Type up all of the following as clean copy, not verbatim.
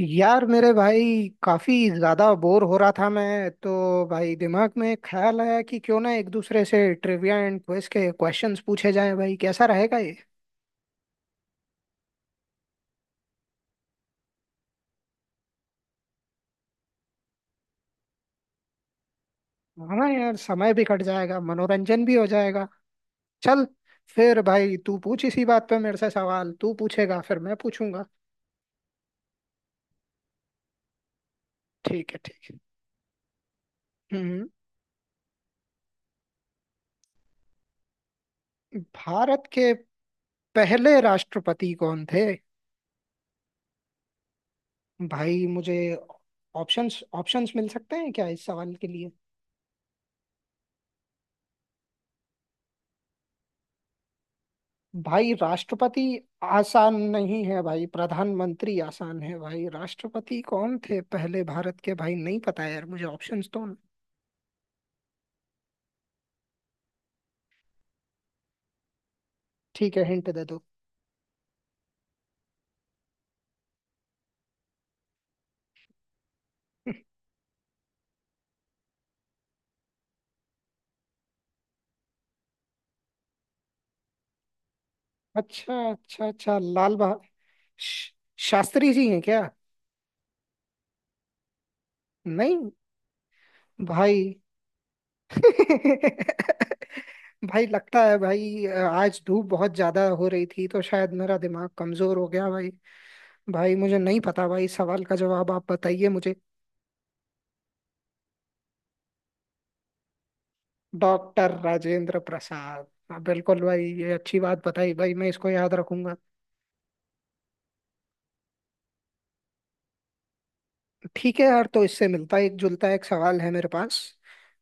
यार मेरे भाई, काफी ज्यादा बोर हो रहा था मैं तो। भाई, दिमाग में ख्याल आया कि क्यों ना एक दूसरे से ट्रिविया एंड क्विज के क्वेश्चंस पूछे जाएं। भाई, कैसा रहेगा ये? हाँ यार, समय भी कट जाएगा, मनोरंजन भी हो जाएगा। चल फिर भाई, तू पूछ इसी बात पे मेरे से सवाल। तू पूछेगा फिर मैं पूछूंगा। ठीक है, ठीक है। हम्म। भारत के पहले राष्ट्रपति कौन थे? भाई, मुझे ऑप्शंस ऑप्शंस मिल सकते हैं क्या इस सवाल के लिए? भाई राष्ट्रपति आसान नहीं है भाई। प्रधानमंत्री आसान है भाई। राष्ट्रपति कौन थे पहले भारत के? भाई, नहीं पता यार मुझे। ऑप्शंस तो। ठीक है, हिंट दे दो। अच्छा अच्छा अच्छा, श- शास्त्री जी हैं क्या? नहीं भाई। भाई लगता है भाई, आज धूप बहुत ज्यादा हो रही थी तो शायद मेरा दिमाग कमजोर हो गया भाई। भाई, मुझे नहीं पता भाई। सवाल का जवाब आप बताइए मुझे। डॉक्टर राजेंद्र प्रसाद, हाँ, बिल्कुल भाई। ये अच्छी बात बताई भाई, मैं इसको याद रखूंगा। ठीक है यार, तो इससे मिलता एक जुलता एक सवाल है मेरे पास।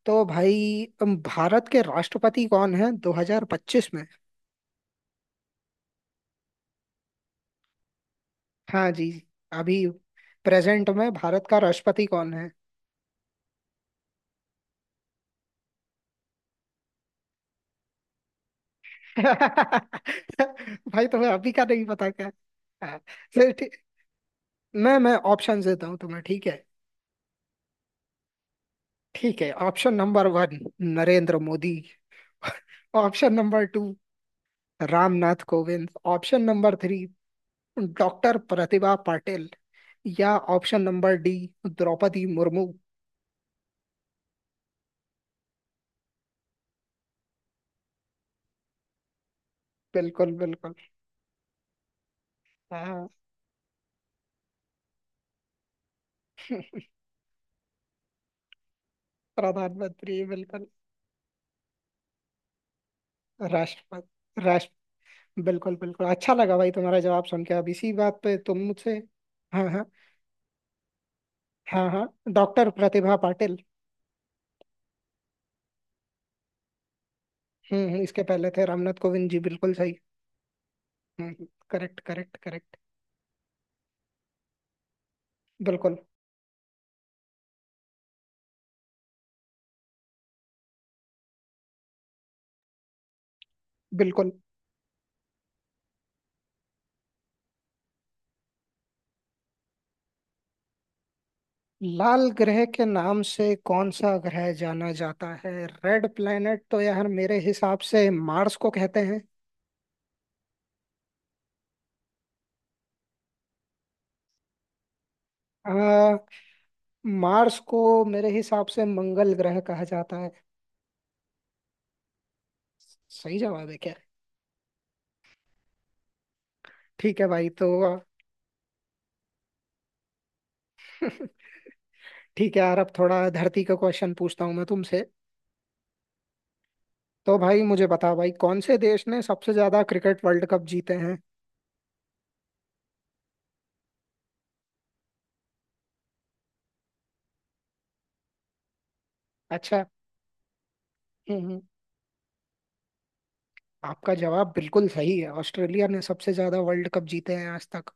तो भाई, भारत के राष्ट्रपति कौन है 2025 में? हाँ जी। अभी प्रेजेंट में भारत का राष्ट्रपति कौन है? भाई, तुम्हें अभी का नहीं पता क्या? हाँ। चलो, मैं ऑप्शन देता हूँ तुम्हें, ठीक है? ठीक है, option number one, Narendra Modi. Option number two, Ramnath Kovind. Option number three, doctor Pratibha Patil. या option number D, Droupadi Murmu. बिल्कुल बिल्कुल, हाँ। प्रधानमंत्री, बिल्कुल। राष्ट्रपति राष्ट्र बिल्कुल बिल्कुल। अच्छा लगा भाई तुम्हारा जवाब सुन के। अब इसी बात पे तुम मुझसे। हाँ हाँ, हाँ हाँ, डॉक्टर प्रतिभा पाटिल। इसके पहले थे रामनाथ कोविंद जी, बिल्कुल सही। करेक्ट करेक्ट करेक्ट, बिल्कुल बिल्कुल। लाल ग्रह के नाम से कौन सा ग्रह जाना जाता है? रेड प्लेनेट तो यार मेरे हिसाब से मार्स को कहते हैं। आ, मार्स को मेरे हिसाब से मंगल ग्रह कहा जाता है। सही जवाब है क्या? ठीक है भाई, तो ठीक है यार, अब थोड़ा धरती का क्वेश्चन पूछता हूँ मैं तुमसे। तो भाई मुझे बता भाई, कौन से देश ने सबसे ज्यादा क्रिकेट वर्ल्ड कप जीते हैं? अच्छा। हम्म हम्म, आपका जवाब बिल्कुल सही है। ऑस्ट्रेलिया ने सबसे ज्यादा वर्ल्ड कप जीते हैं आज तक।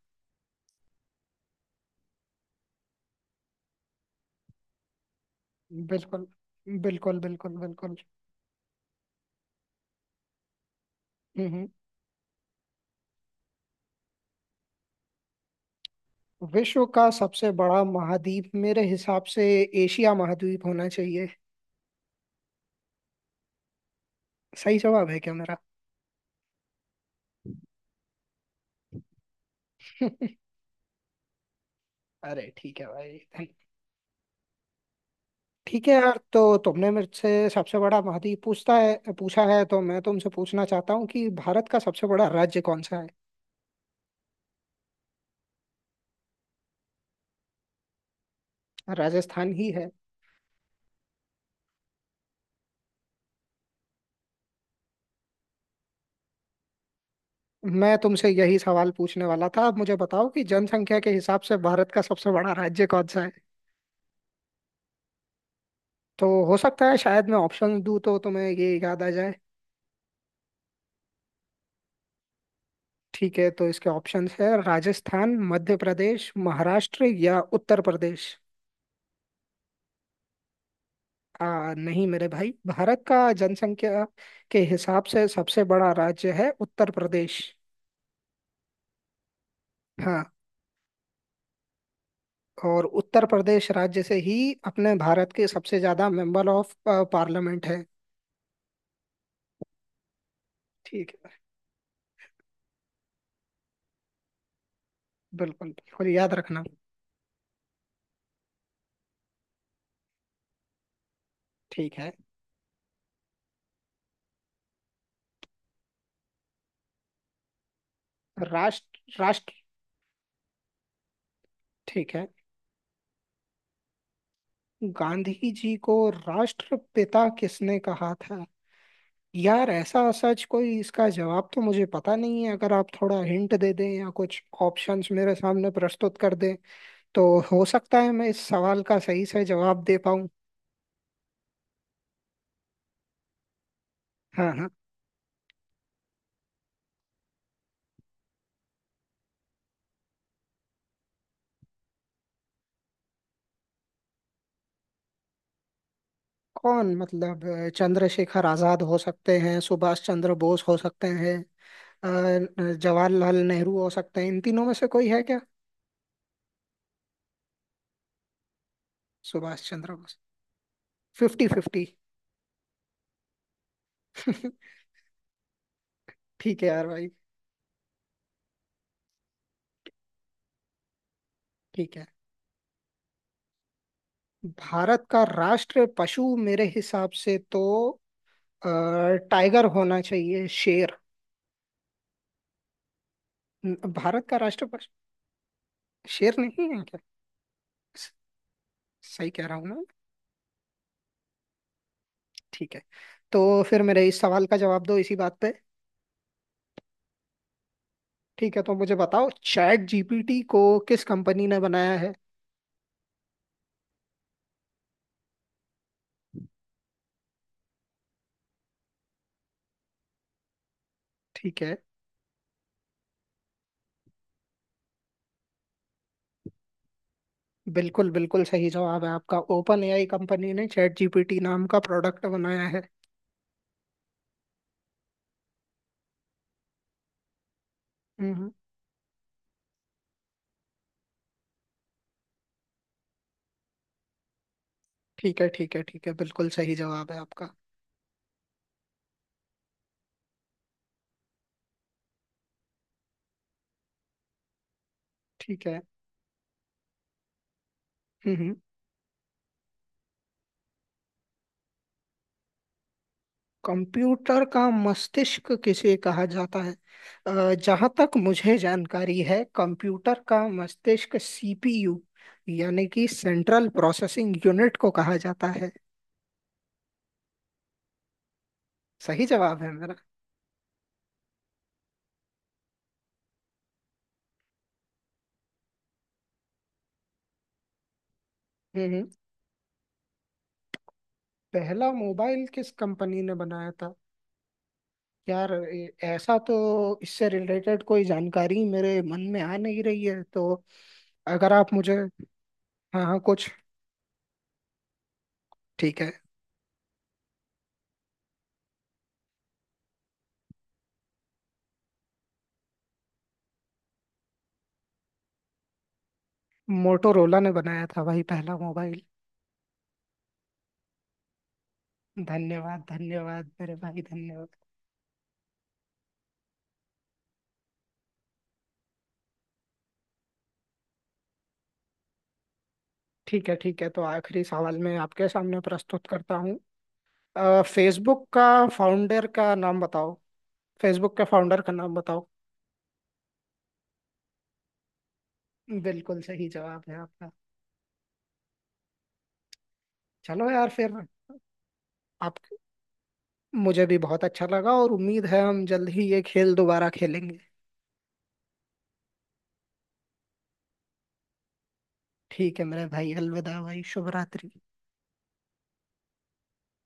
बिल्कुल बिल्कुल, बिल्कुल बिल्कुल। हम्म। विश्व का सबसे बड़ा महाद्वीप मेरे हिसाब से एशिया महाद्वीप होना चाहिए। सही जवाब है क्या मेरा? अरे ठीक है भाई। ठीक है यार, तो तुमने मेरे से सबसे बड़ा महाद्वीप पूछता है पूछा है, तो मैं तुमसे पूछना चाहता हूँ कि भारत का सबसे बड़ा राज्य कौन सा है। राजस्थान ही है। मैं तुमसे यही सवाल पूछने वाला था। अब मुझे बताओ कि जनसंख्या के हिसाब से भारत का सबसे बड़ा राज्य कौन सा है? तो हो सकता है शायद मैं ऑप्शन दूं तो तुम्हें ये याद आ जाए। ठीक है, तो इसके ऑप्शंस है, राजस्थान, मध्य प्रदेश, महाराष्ट्र या उत्तर प्रदेश। नहीं मेरे भाई, भारत का जनसंख्या के हिसाब से सबसे बड़ा राज्य है उत्तर प्रदेश। हाँ। और उत्तर प्रदेश राज्य से ही अपने भारत के सबसे ज्यादा मेंबर ऑफ पार्लियामेंट है। ठीक है। बिल्कुल बिल्कुल, याद रखना। ठीक है। राष्ट्र राष्ट्र ठीक है। गांधी जी को राष्ट्रपिता किसने कहा था? यार, ऐसा सच कोई इसका जवाब तो मुझे पता नहीं है। अगर आप थोड़ा हिंट दे दें या कुछ ऑप्शंस मेरे सामने प्रस्तुत कर दें, तो हो सकता है मैं इस सवाल का सही से जवाब दे पाऊं। हाँ हाँ। कौन मतलब, चंद्रशेखर आजाद हो सकते हैं, सुभाष चंद्र बोस हो सकते हैं, जवाहरलाल नेहरू हो सकते हैं। इन तीनों में से कोई है क्या? सुभाष चंद्र बोस। Fifty fifty. ठीक है यार भाई, ठीक है। भारत का राष्ट्र पशु मेरे हिसाब से तो अ, टाइगर होना चाहिए, शेर। भारत का राष्ट्र पशु शेर नहीं है क्या? स- सही कह रहा हूँ ना? ठीक है, तो फिर मेरे इस सवाल का जवाब दो इसी बात पे। ठीक है, तो मुझे बताओ चैट जीपीटी को किस कंपनी ने बनाया है? ठीक है। बिल्कुल बिल्कुल सही जवाब है आपका। ओपन एआई कंपनी ने चैट जीपीटी नाम का प्रोडक्ट बनाया है। हम्म। ठीक है ठीक है ठीक है, बिल्कुल सही जवाब है आपका। ठीक है। हम्म हम्म। कंप्यूटर का मस्तिष्क किसे कहा जाता है? जहाँ तक मुझे जानकारी है, कंप्यूटर का मस्तिष्क सीपीयू यानी कि सेंट्रल प्रोसेसिंग यूनिट को कहा जाता है। सही जवाब है मेरा? हम्म। पहला मोबाइल किस कंपनी ने बनाया था? यार, ऐसा तो इससे रिलेटेड कोई जानकारी मेरे मन में आ नहीं रही है, तो अगर आप मुझे। हाँ हाँ, कुछ। ठीक है। मोटोरोला ने बनाया था भाई, पहला मोबाइल। धन्यवाद धन्यवाद मेरे भाई, धन्यवाद। ठीक है ठीक है, तो आखिरी सवाल मैं आपके सामने प्रस्तुत करता हूँ। फेसबुक का फाउंडर का नाम बताओ फेसबुक के फाउंडर का नाम बताओ। बिल्कुल सही जवाब है आपका। चलो यार फिर। आप। मुझे भी बहुत अच्छा लगा और उम्मीद है हम जल्द ही ये खेल दोबारा खेलेंगे। ठीक है मेरे भाई, अलविदा भाई, शुभ रात्रि।